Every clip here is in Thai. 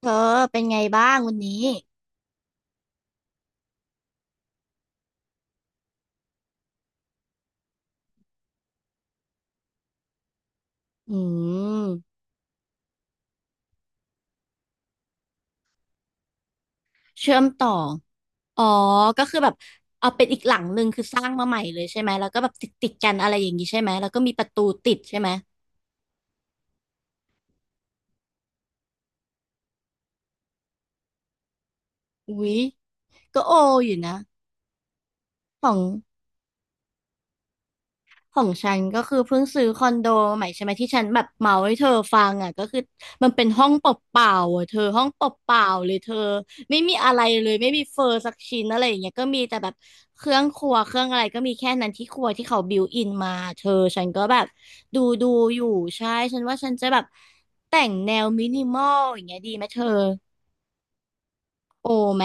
เธอเป็นไงบ้างวันนี้อืมเชื่อมต่ออ๋อก็คือแบบเอาเป็นอีกหลังหนึ่งคือสร้างมาใหม่เลยใช่ไหมแล้วก็แบบติดติดกันอะไรอย่างนี้ใช่ไหมแล้วก็มีประตูติดใช่ไหมอุ๊ยก็โออยู่นะของ ของฉันก็คือเพิ่งซื้อคอนโดใหม่ใช่ไหมที่ฉันแบบเมาให้เธอฟังอ่ะก็คือมันเป็นห้องเปล่าๆอ่ะเธอห้องเปล่าๆเลยเธอไม่มีอะไรเลยไม่มีเฟอร์สักชิ้นอะไรอย่างเงี้ยก็มีแต่แบบเครื่องครัวเครื่องอะไรก็มีแค่นั้นที่ครัวที่เขาบิวอินมาเธอฉันก็แบบดูดูอยู่ใช่ฉันว่าฉันจะแบบแต่งแนวมินิมอลอย่างเงี้ยดีไหมเธอโอไหม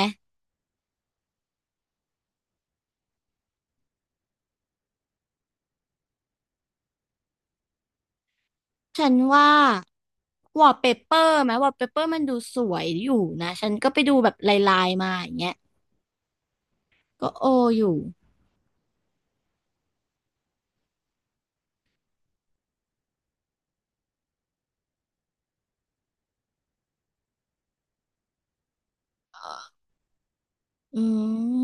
ฉันว่าวอลเปเปอร์ไหมวอลเปเปอร์มันดูสวยอยู่นะฉันก็ไปดูแบบลายๆมาอย่างเงี้ย ก็โออยู่อืม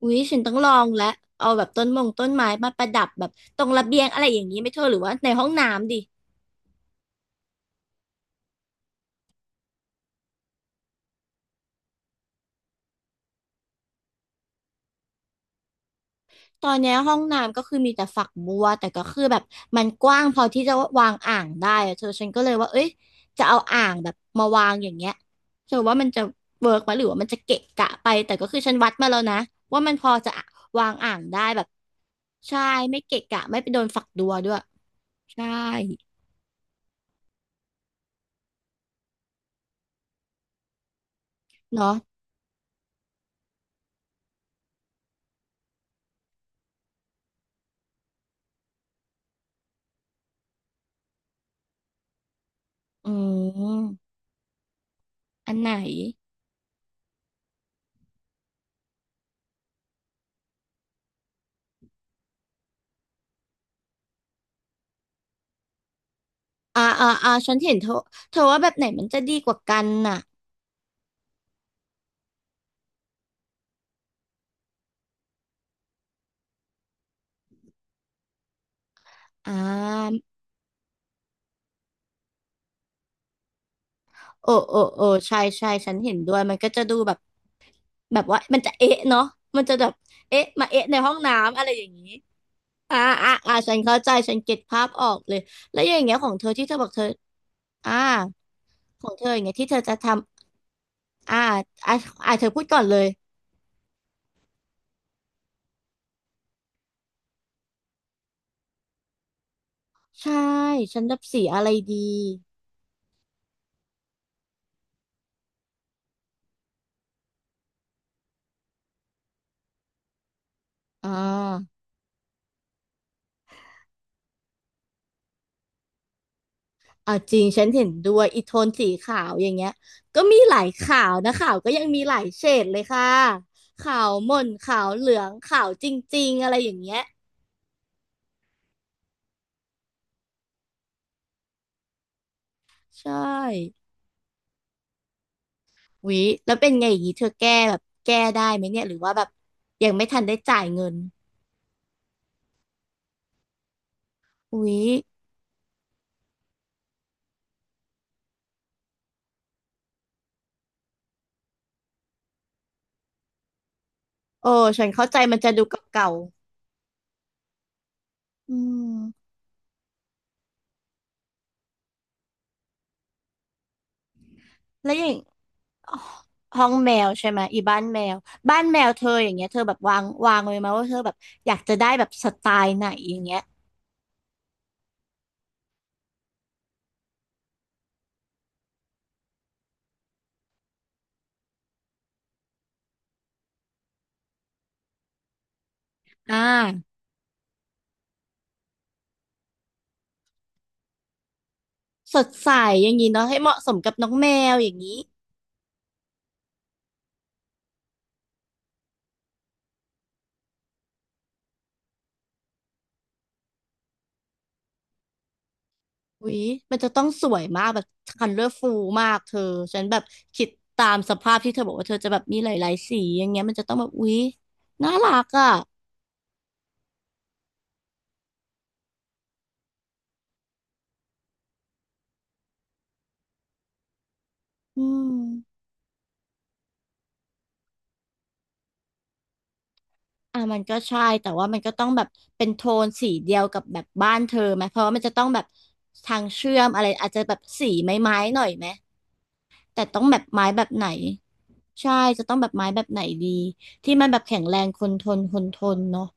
อุ๊ยฉันต้องลองแล้วเอาแบบต้นมงต้นไม้มาประดับแบบตรงระเบียงอะไรอย่างนี้ไหม่เธอหรือว่าในห้องน้ำดิตอนเนี้ยห้องน้ำก็คือมีแต่ฝักบัวแต่ก็คือแบบมันกว้างพอที่จะวางอ่างได้อะเธอฉันก็เลยว่าเอ้ยจะเอาอ่างแบบมาวางอย่างเงี้ยเธอว่ามันจะเวิร์กไหมหรือว่ามันจะเกะกะไปแต่ก็คือฉันวัดมาแล้วนะว่ามันพอจะวางอ่างได้แบบใช่ไม่เกะกะไม่ไปโดนฝักบัวด้วยใช่เนาะอืม อันไหนอ่าอ่าอ่าฉันเห็นเธอเธอว่าแบบไหนมันจะดีกว่ากันน่ะอ่าโอ้โอ้โอ้ใช่ใช่ฉันเห็นด้วยมันก็จะดูแบบแบบว่ามันจะเอ๊ะเนาะมันจะแบบเอ๊ะมาเอ๊ะในห้องน้ำอะไรอย่างนี้อ่าอ่าอ่าฉันเข้าใจฉันเก็ตภาพออกเลยแล้วอย่างเงี้ยของเธอที่เธอบอกเธออ่าของเธออย่างเงี้ยที่เธอจะทำอ่าอ่าอ่าเธอพูดก่อนเลยใช่ฉันดับสีอะไรดีอ่า อ่าจริงฉันเห็นด้วยอีโทนสีขาวอย่างเงี้ยก็มีหลายขาวนะขาวก็ยังมีหลายเฉดเลยค่ะขาวหม่นขาวเหลืองขาวจริงๆอะไรอย่างเงี้ยใช่แล้วเป็นไงอย่างงี้เธอแก้แบบแก้ได้ไหมเนี่ยหรือว่าแบบยังไม่ทันได้จ่ายเงินวิโอ้ฉันเข้าใจมันจะดูเก่าๆอืมแล้วอย่างอ๋อห้องแมวใช่ไหมอีบ้านแมวบ้านแมวเธออย่างเงี้ยเธอแบบวางวางไว้ไหมว่าเธอแบบอยากจะได้แบบสไตล์ไหนอย่างเงี้ยอ่า สดใสอย่างนี้เนาะให้เหมาะสมกับน้องแมวอย่างนี้อุ๊ยมันจะต้องสวยมากแบบคันเลอร์ฟูมากเธอฉันแบบคิดตามสภาพที่เธอบอกว่าเธอจะแบบมีหลายๆสีอย่างเงี้ยมันจะต้องแบบอุ๊ยน่ารักอ่ะอืมอ่ะมันก็ใช่แต่ว่ามันก็ต้องแบบเป็นโทนสีเดียวกับแบบบ้านเธอไหมเพราะว่ามันจะต้องแบบทางเชื่อมอะไรอาจจะแบบสีไม้ๆหน่อยไหมแต่ต้องแบบไม้แบบไหนใช่จะต้องแบบไม้แบบไหนดีที่มันแบบแข็งแรงคนทนคนทนเนาะ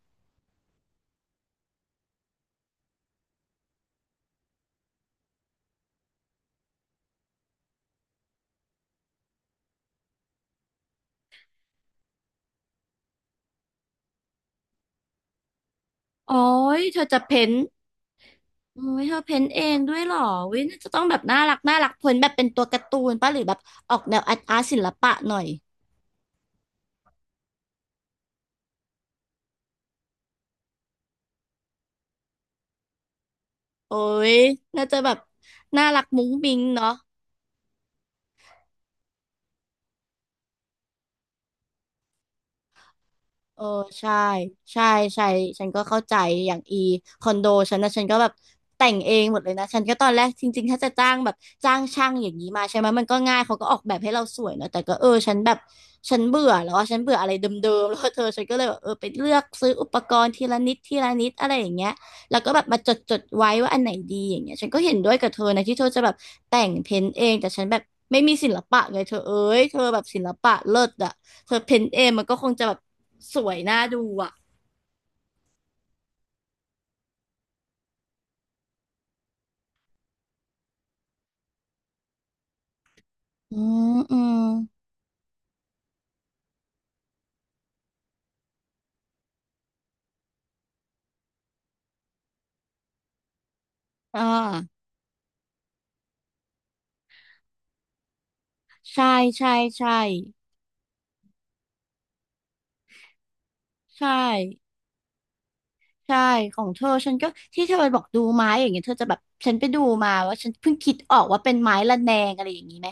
โอ้ยเธอจะเพ้นท์โอ้ยเธอเพ้นท์เองด้วยเหรอน่าจะต้องแบบน่ารักน่ารักเพ้นท์แบบเป็นตัวการ์ตูนป่ะหรือแบบออกแนวอาร์ตอาร์ตศิลปะหน่อยโอ้ยน่าจะแบบน่ารักมุ้งมิ้งเนาะ เออใช่ใช่ใช่ฉันก็เข้าใจอย่างอีคอนโดฉันนะฉันก็แบบแต่งเองหมดเลยนะฉันก็ตอนแรกจริงๆถ้าจะจ้างแบบจ้างช่างอย่างนี้มาใช่ไหมมันก็ง่ายเขาก็ออกแบบให้เราสวยเนอะแต่ก็เออฉันแบบฉันเบื่อแล้วอะฉันเบื่ออะไรเดิมๆแล้วเธอฉันก็เลยแบบเออไปเลือกซื้ออุปกรณ์ทีละนิดทีละนิดอะไรอย่างเงี้ย แล้วก็แบบมาจดจดไว้ว่าอันไหนดีอย่างเงี้ยฉันก็เห็นด้วยกับเธอนะที่เธอจะแบบแต่งเพ้นท์เองแต่ฉันแบบไม่มีศิลปะไงเธอเอ้ยเธอแบบศิลปะเลิศอะเธอเพ้นท์เองมันก็คงจะแบบสวยน่าดูอะอืมอืมอ่าใช่ใช่ใช่ใช่ใช่ของเธอฉันก็ที่เธอบอกดูไม้อย่างเงี้ยเธอจะแบบฉันไปดูมาว่าฉันเพิ่งคิดออกว่าเป็นไม้ระแนงอะไรอย่างงี้ไหม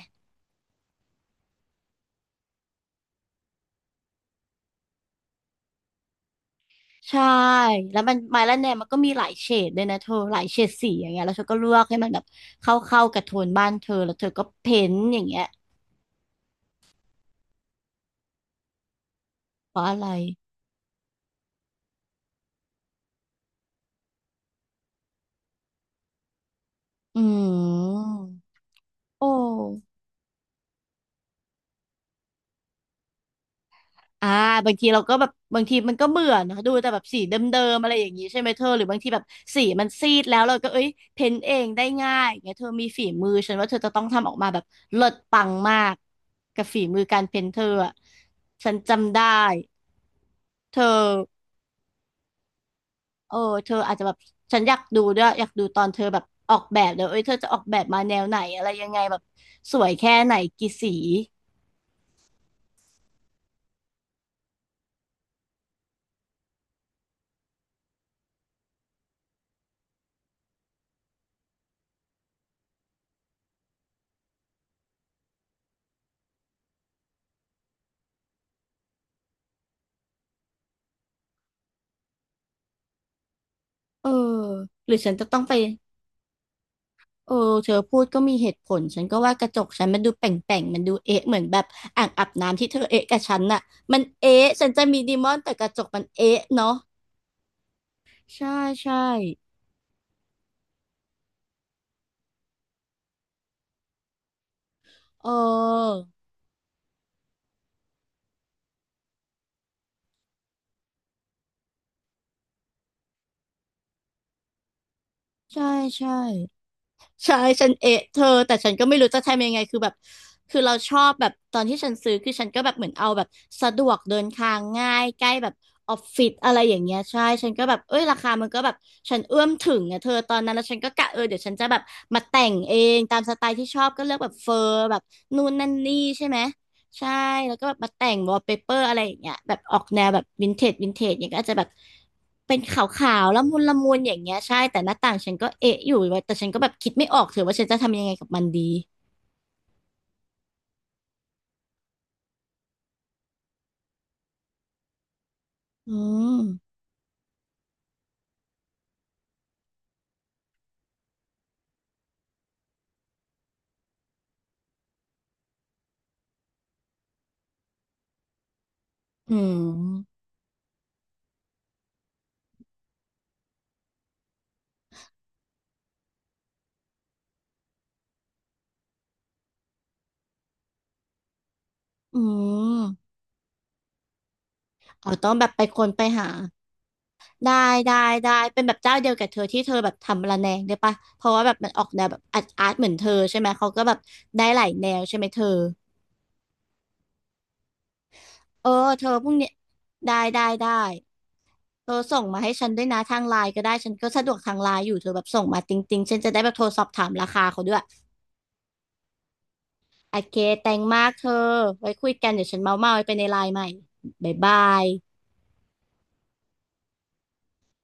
ใช่แล้วมันไมล่าแนมมันก็มีหลายเฉดด้วยนะเธอหลายเฉดสีอย่างเงี้ยแล้วเธอก็เลือกให้มันแบบเข้ากับโทนบ้านเธอแล้วเธอก็เพ้นท์อย่างเงี้ยเพราะอะไรอืมโอ้อ่าบางทีเราก็แบบบางทีมันก็เบื่อเนอะดูแต่แบบสีเดิมๆอะไรอย่างงี้ใช่ไหมเธอหรือบางทีแบบสีมันซีดแล้วเราก็เอ้ยเพ้นท์เองได้ง่ายอย่างเงี้ยเธอมีฝีมือฉันว่าเธอจะต้องทำออกมาแบบเลิศปังมากกับฝีมือการเพ้นท์เธออะฉันจำได้เธอ เออเธออาจจะแบบฉันอยากดูด้วยอยากดูตอนเธอแบบออกแบบเลยเอ้ยเธอจะออกแบบมาแนวไหนอะไรยังไงแบบสวยแค่ไหนกี่สีเออหรือฉันจะต้องไปเออเธอพูดก็มีเหตุผลฉันก็ว่ากระจกฉันมันดูแป่งๆมันดูเอ๊ะเหมือนแบบอ่างอาบน้ำที่เธอเอ๊ะกับฉันน่ะมันเอ๊ะฉันจะมีดีมอนแต่กระจกมันเอ๊ะเนาะใช่ใช่เออใช่ใช่ ใช่ฉันเอะเธอแต่ฉันก็ไม่รู้จะทำยังไงคือแบบคือเราชอบแบบตอนที่ฉันซื้อคือฉันก็แบบเหมือนเอาแบบสะดวกเดินทางง่ายใกล้แบบออฟฟิศอะไรอย่างเงี้ยใช่ฉันก็แบบเอ้ยราคามันก็แบบฉันเอื้อมถึงอะเธอตอนนั้นแล้วฉันก็กะเออเดี๋ยวฉันจะแบบมาแต่งเองตามสไตล์ที่ชอบก็เลือกแบบเฟอร์แบบนู่นนั่นนี่ใช่ไหม ใช่แล้วก็แบบมาแต่งวอลเปเปอร์อะไรอย่างเงี้ยแบบออกแนวแบบวินเทจวินเทจอย่างเงี้ยก็อาจจะแบบเป็นขาวๆละมุนละมุนอย่างเงี้ยใช่แต่หน้าต่างฉันก็เอะอยู่ว่าแต่ฉันก็แบบคิดไม่ออกเถอะว่าฉันจะทำยังไงกับมันดีอืมอืมอืมอ๋อต้องแบบไปคนไปหาได้ได้ได้เป็นแบบเจ้าเดียวกับเธอที่เธอแบบทำระแนงได้ปะเพราะว่าแบบมันออกแนวแบบอาร์ตอาร์ตเหมือนเธอใช่ไหมเขาก็แบบได้หลายแนวใช่ไหมเธอเออเธอพรุ่งนี้ได้ได้ได้ เธอส่งมาให้ฉันด้วยนะทางไลน์ก็ได้ฉันก็สะดวกทางไลน์อยู่เธอแบบส่งมาติงๆฉันจะได้แบบโทรสอบถามราคาเขาด้วยโอเคแตงมากเธอไว้คุยกันเดี๋ยวฉันเมาไปในไลน์ใหม่บ๊ายบาย